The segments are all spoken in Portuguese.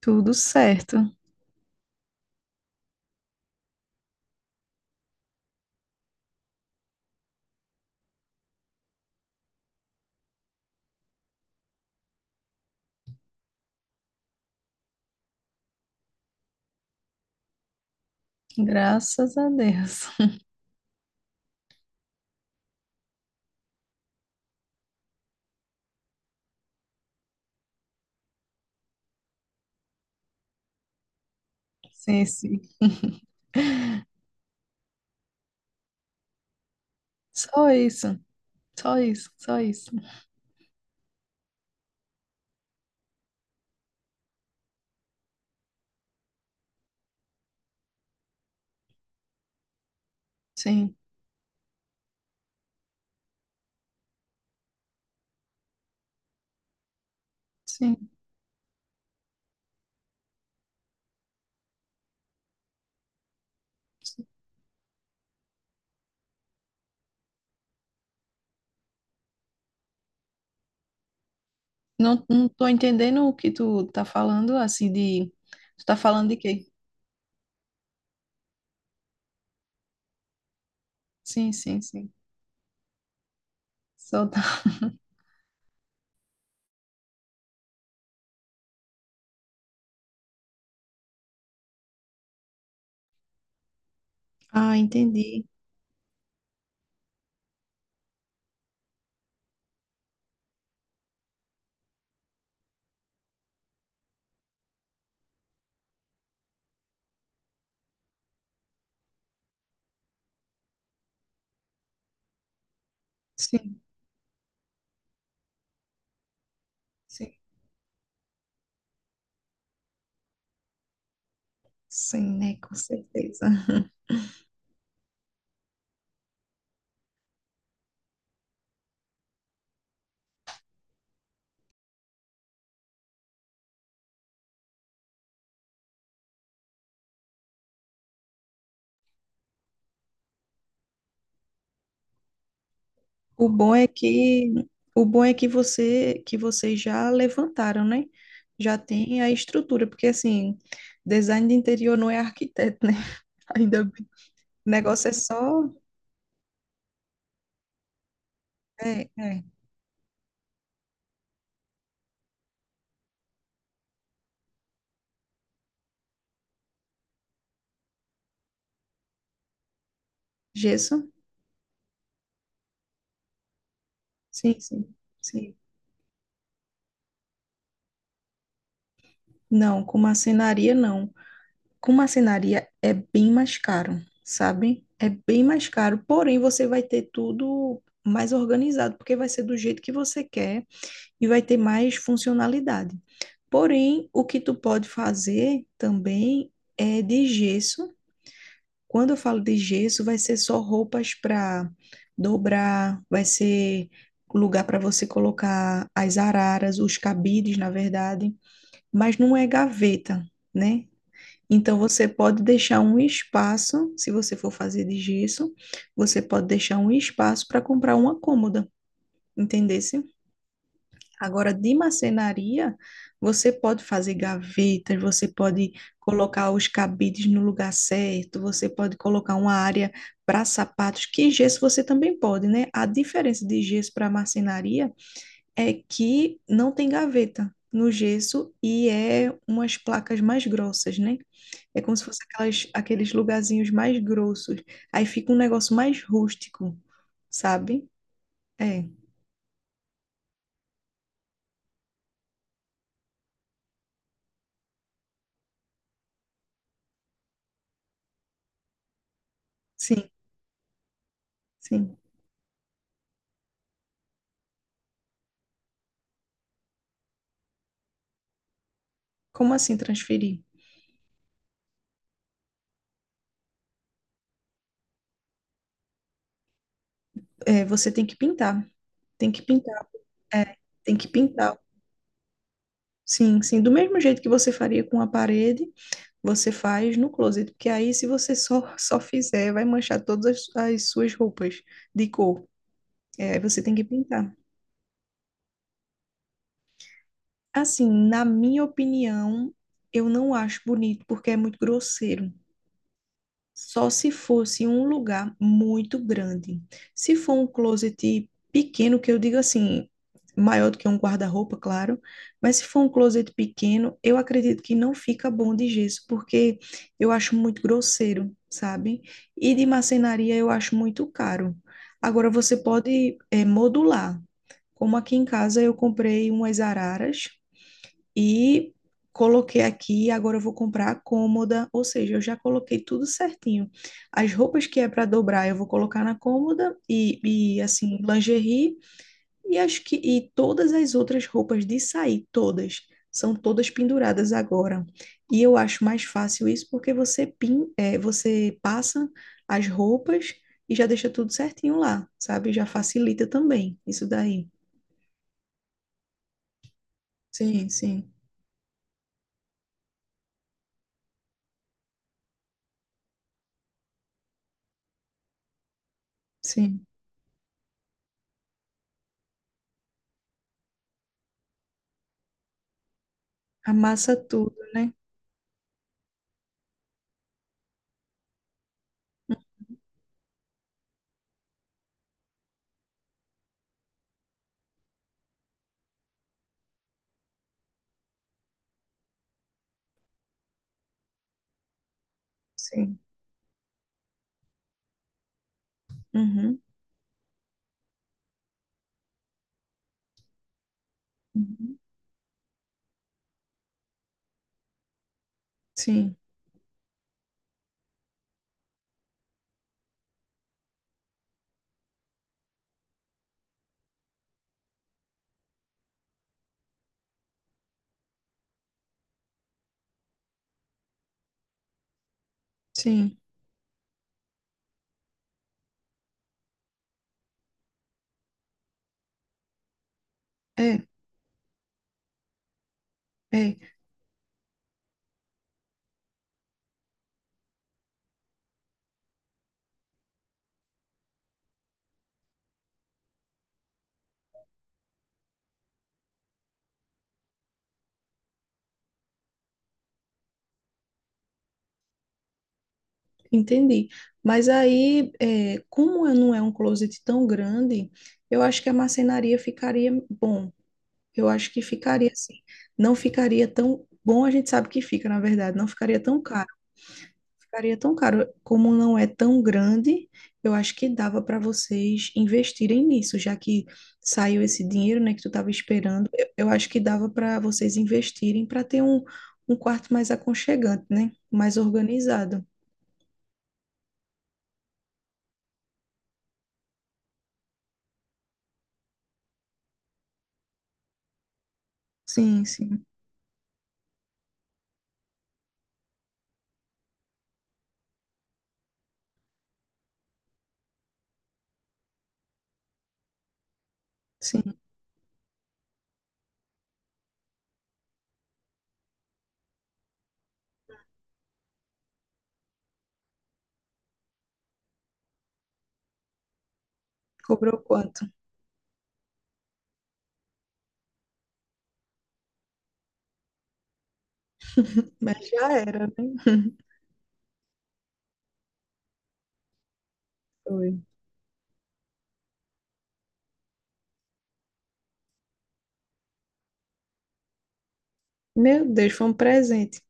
Tudo certo, graças a Deus. Sim, sim. Só isso, só isso, só isso. Sim, sim. Sim. Não, não tô entendendo o que tu tá falando, assim, de... Tu tá falando de quê? Sim, sim, sim. Só tá... Ah, entendi. Sim, sim, sim, né, com certeza. O bom é que o bom é que você que vocês já levantaram, né? Já tem a estrutura, porque assim, design de interior não é arquiteto, né? Ainda bem. O negócio é só é, é, gesso. Sim, sim, sim. Não, com marcenaria não. Com marcenaria é bem mais caro, sabe? É bem mais caro, porém você vai ter tudo mais organizado, porque vai ser do jeito que você quer. E vai ter mais funcionalidade. Porém, o que tu pode fazer também é de gesso. Quando eu falo de gesso, vai ser só roupas para dobrar, vai ser lugar para você colocar as araras, os cabides, na verdade, mas não é gaveta, né? Então você pode deixar um espaço, se você for fazer de gesso, você pode deixar um espaço para comprar uma cômoda, entendeu? Agora, de marcenaria, você pode fazer gavetas, você pode colocar os cabides no lugar certo, você pode colocar uma área para sapatos, que gesso você também pode, né? A diferença de gesso para marcenaria é que não tem gaveta no gesso e é umas placas mais grossas, né? É como se fosse aquelas, aqueles lugarzinhos mais grossos. Aí fica um negócio mais rústico, sabe? É, sim, sim. Como assim transferir? É, você tem que pintar. Tem que pintar. É, tem que pintar. Sim, sim. Do mesmo jeito que você faria com a parede, você faz no closet. Porque aí, se você só, só fizer, vai manchar todas as, as suas roupas de cor. É, aí você tem que pintar. Assim, na minha opinião, eu não acho bonito porque é muito grosseiro. Só se fosse um lugar muito grande. Se for um closet pequeno, que eu digo assim, maior do que um guarda-roupa, claro, mas se for um closet pequeno, eu acredito que não fica bom de gesso, porque eu acho muito grosseiro, sabe? E de marcenaria eu acho muito caro. Agora você pode modular. Como aqui em casa eu comprei umas araras e coloquei aqui, agora eu vou comprar a cômoda, ou seja, eu já coloquei tudo certinho. As roupas que é para dobrar, eu vou colocar na cômoda e assim, lingerie, e acho que e todas as outras roupas de sair, todas, são todas penduradas agora. E eu acho mais fácil isso porque você você passa as roupas e já deixa tudo certinho lá, sabe? Já facilita também isso daí. Sim, sim, sim. Amassa tudo, né? Sim. Uhum, uhum. Sim, sim, é, é, entendi. Mas aí, é, como eu não é um closet tão grande, eu acho que a marcenaria ficaria bom. Eu acho que ficaria assim. Não ficaria tão bom, a gente sabe que fica, na verdade, não ficaria tão caro. Ficaria tão caro. Como não é tão grande, eu acho que dava para vocês investirem nisso, já que saiu esse dinheiro, né, que tu estava esperando. Eu acho que dava para vocês investirem para ter um, um quarto mais aconchegante, né? Mais organizado. Sim, sim, sim. Cobrou quanto? Mas já era, né? Foi. Meu Deus, foi um presente.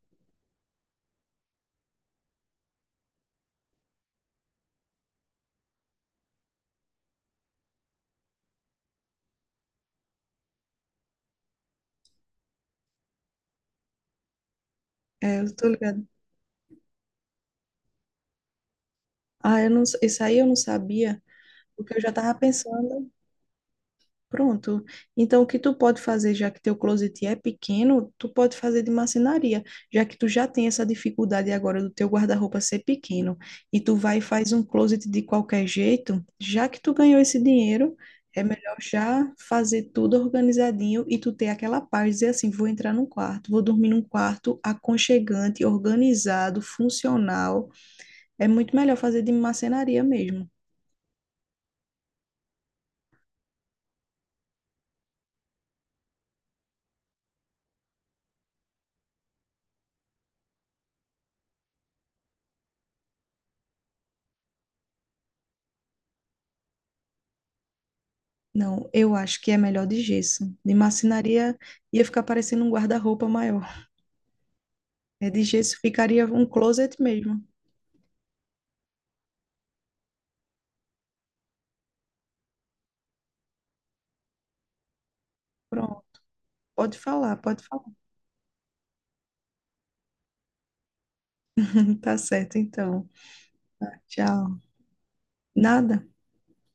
É, eu tô ligado. Ah, eu não, isso aí eu não sabia, porque eu já tava pensando. Pronto. Então, o que tu pode fazer, já que teu closet é pequeno, tu pode fazer de marcenaria, já que tu já tem essa dificuldade agora do teu guarda-roupa ser pequeno, e tu vai e faz um closet de qualquer jeito, já que tu ganhou esse dinheiro, é melhor já fazer tudo organizadinho e tu ter aquela paz, dizer assim, vou entrar num quarto, vou dormir num quarto aconchegante, organizado, funcional. É muito melhor fazer de marcenaria mesmo. Não, eu acho que é melhor de gesso. De marcenaria ia ficar parecendo um guarda-roupa maior. É de gesso ficaria um closet mesmo. Pronto, pode falar, pode falar. Tá certo, então. Tchau. Nada.